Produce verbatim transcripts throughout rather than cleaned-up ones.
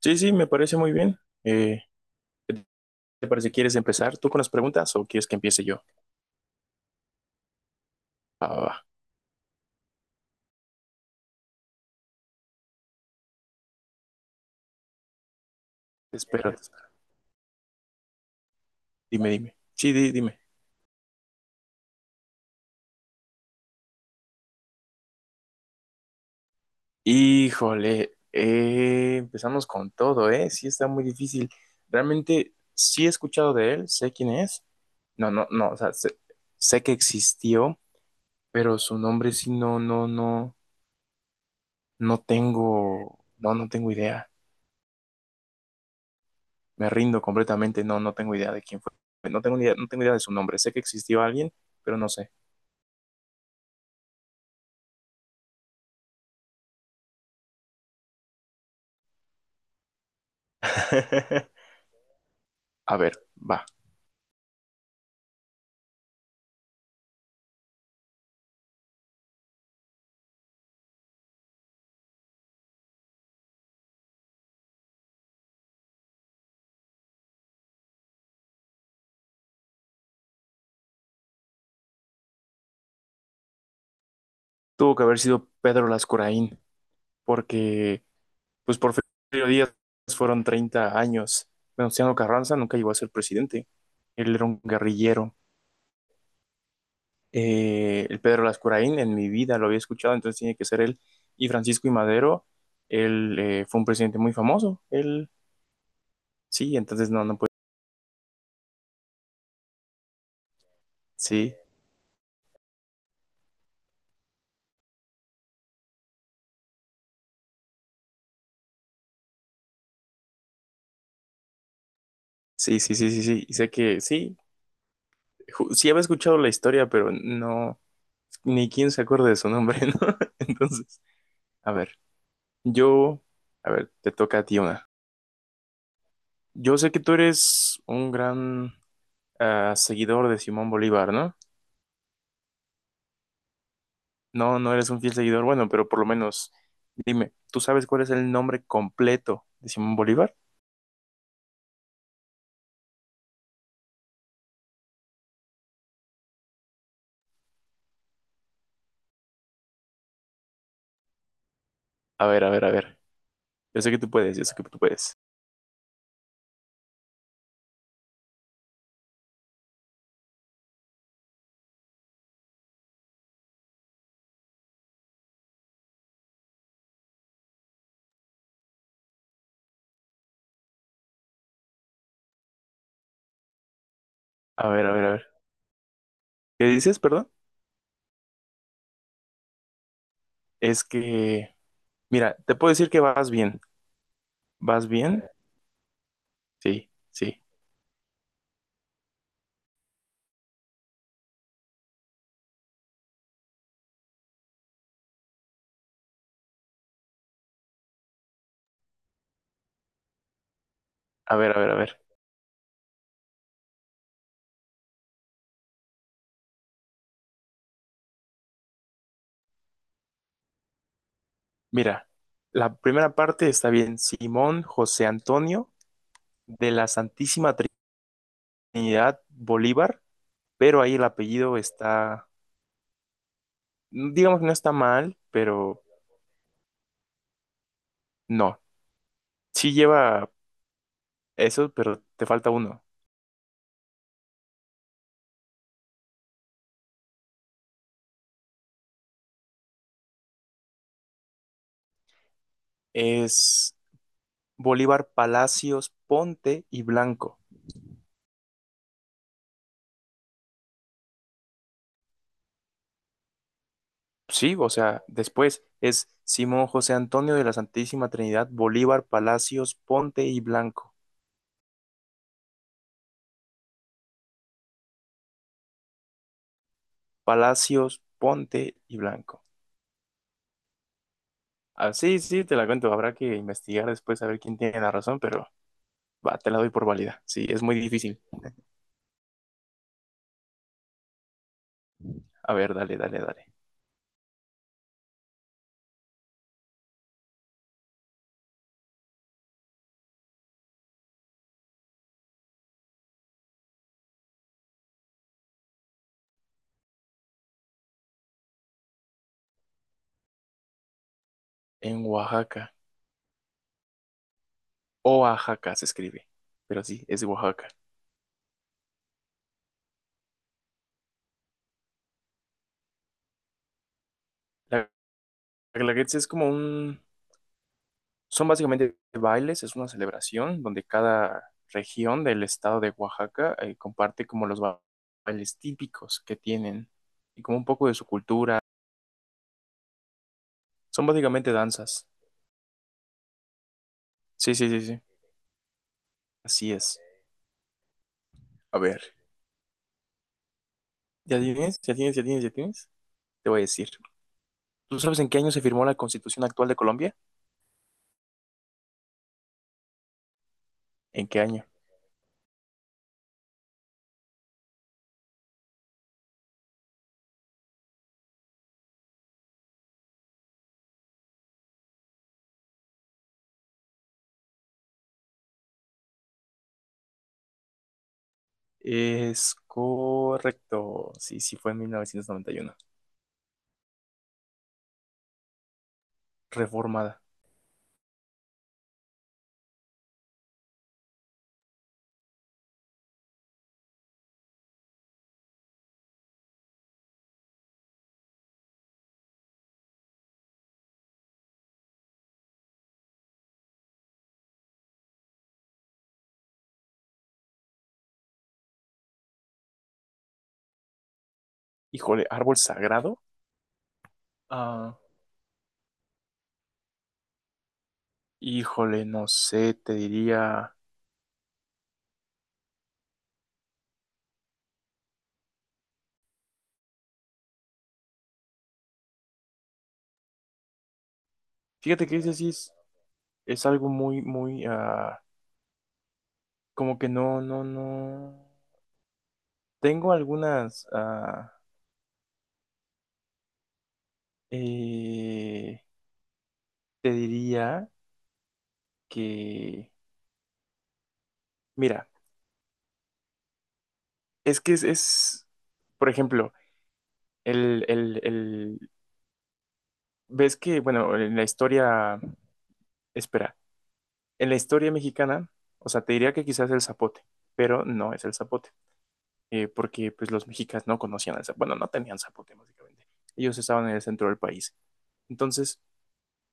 Sí, sí, me parece muy bien. Eh, ¿qué ¿Te parece? ¿Quieres empezar tú con las preguntas o quieres que empiece yo? Va, va, va. Te espero, te espero. Dime, dime. Sí, di- dime. Híjole, eh, empezamos con todo, ¿eh? Sí, está muy difícil. Realmente sí he escuchado de él, sé quién es. No, no, no, o sea, sé, sé que existió, pero su nombre sí no, no, no, no tengo, no, no tengo idea. Me rindo completamente, no, no tengo idea de quién fue. No tengo ni idea, no tengo idea de su nombre. Sé que existió alguien, pero no sé. A ver, va. Tuvo que haber sido Pedro Lascuraín, porque, pues por Porfirio Díaz fueron treinta años. Venustiano Carranza nunca llegó a ser presidente. Él era un guerrillero. Eh, el Pedro Lascuraín en mi vida lo había escuchado, entonces tiene que ser él. Y Francisco y Madero, él eh, fue un presidente muy famoso. Él, sí, entonces no, no puede. Sí, sí, sí, sí, sí, sí. Y sé que sí, ju- sí había escuchado la historia, pero no, ni quién se acuerda de su nombre, ¿no? Entonces. A ver, yo, a ver, te toca a ti una. Yo sé que tú eres un gran ah, seguidor de Simón Bolívar, ¿no? No, no eres un fiel seguidor, bueno, pero por lo menos dime, ¿tú sabes cuál es el nombre completo de Simón Bolívar? A ver, a ver, a ver. Yo sé que tú puedes, yo sé que tú puedes. A ver, a ver, a ver. ¿Qué dices, perdón? Es que, mira, te puedo decir que vas bien. ¿Vas bien? Sí, sí. A ver, a ver, a ver. Mira, la primera parte está bien. Simón José Antonio de la Santísima Trinidad Bolívar, pero ahí el apellido está, digamos que no está mal, pero no. Sí lleva eso, pero te falta uno. Es Bolívar Palacios Ponte y Blanco. Sí, o sea, después es Simón José Antonio de la Santísima Trinidad Bolívar Palacios Ponte y Blanco. Palacios Ponte y Blanco. Ah, sí, sí, te la cuento. Habrá que investigar después a ver quién tiene la razón, pero va, te la doy por válida. Sí, es muy difícil. A ver, dale, dale, dale. En Oaxaca. Oaxaca se escribe, pero sí, es de Oaxaca. La Guelaguetza es como un... Son básicamente bailes, es una celebración donde cada región del estado de Oaxaca eh, comparte como los ba- bailes típicos que tienen y como un poco de su cultura. Son básicamente danzas. Sí, sí, sí, sí. Así es. A ver, ¿ya tienes? ¿Ya tienes? ¿Ya tienes? ¿Ya tienes? Te voy a decir. ¿Tú sabes en qué año se firmó la Constitución actual de Colombia? ¿En qué año? Es correcto. Sí, sí, fue en mil novecientos noventa y uno. Reformada. Híjole, árbol sagrado. Ah, híjole, no sé, te diría. Fíjate que ese sí es, es algo muy, muy. ah, como que no, no, no. Tengo algunas. ah, eh, Te diría que. Mira, es que es, es- por ejemplo, el, el, el. Ves que, bueno, en la historia. Espera. En la historia mexicana, o sea, te diría que quizás el zapote, pero no es el zapote, eh, porque pues los mexicas no conocían el zapote, bueno, no tenían zapote básicamente, ellos estaban en el centro del país. Entonces,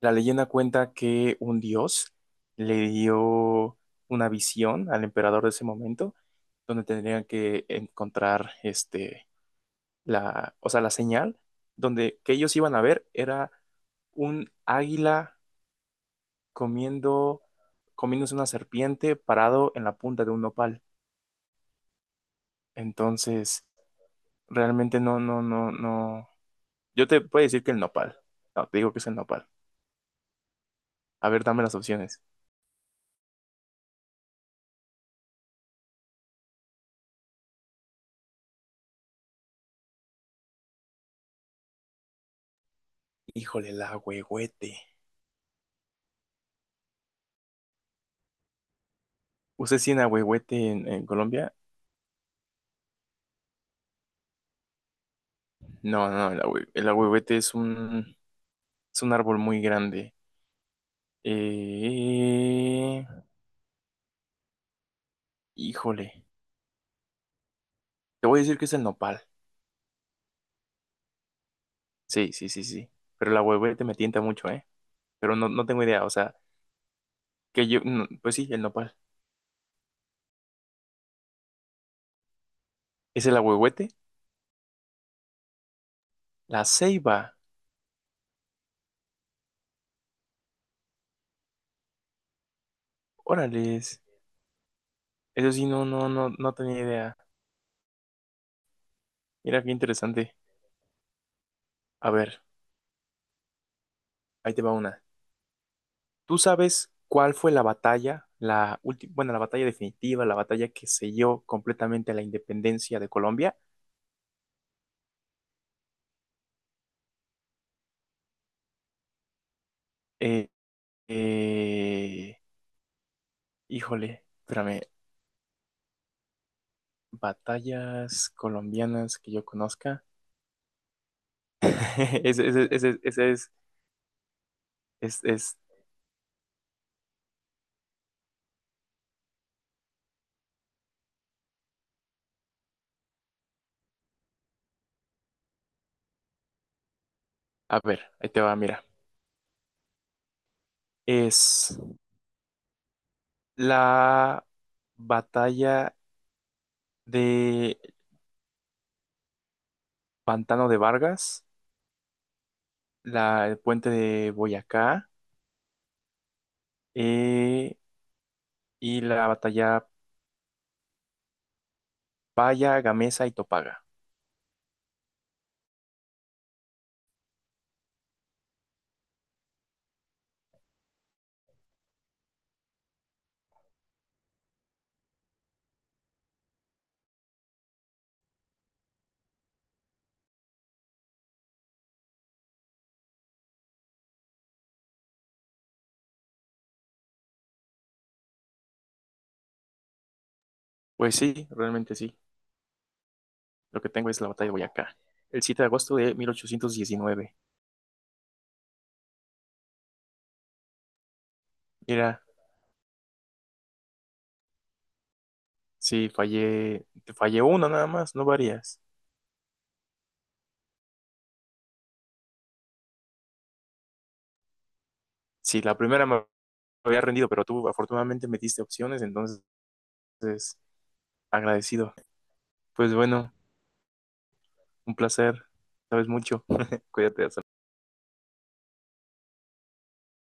la leyenda cuenta que un dios le dio una visión al emperador de ese momento, donde tendrían que encontrar este, la, o sea, la señal, donde que ellos iban a ver era un águila comiendo, comiéndose una serpiente parado en la punta de un nopal. Entonces, realmente no, no, no, no. Yo te puedo decir que el nopal. No, te digo que es el nopal. A ver, dame las opciones. Híjole, el ahuehuete. ¿Usted sí en ahuehuete en, en Colombia? No, no, el, ahue- el ahuehuete es un, es un árbol muy grande. Eh, Híjole, te voy a decir que es el nopal. Sí, sí, sí, sí. Pero el ahuehuete me tienta mucho, ¿eh? Pero no, no tengo idea, o sea, que yo, no, pues sí, el nopal. Es el ahuehuete, la ceiba. Órales. Eso sí, no, no, no, no tenía idea. Mira qué interesante. A ver, ahí te va una. ¿Tú sabes cuál fue la batalla, la última, bueno, la batalla definitiva, la batalla que selló completamente la independencia de Colombia? Eh, eh, Híjole, espérame. Batallas colombianas que yo conozca. Ese, ese, ese, ese es, es, es, A ver, ahí te va, mira. Es la batalla de Pantano de Vargas, la, el puente de Boyacá eh, y la batalla Paya, Gamesa y Topaga. Pues sí, realmente sí. Lo que tengo es la batalla de Boyacá. El siete de agosto de mil ochocientos diecinueve. Mira, sí, fallé, te fallé uno nada más, no varias. Sí, la primera me había rendido, pero tú afortunadamente me diste opciones, entonces agradecido. Pues bueno, un placer. Sabes mucho. Cuídate, hasta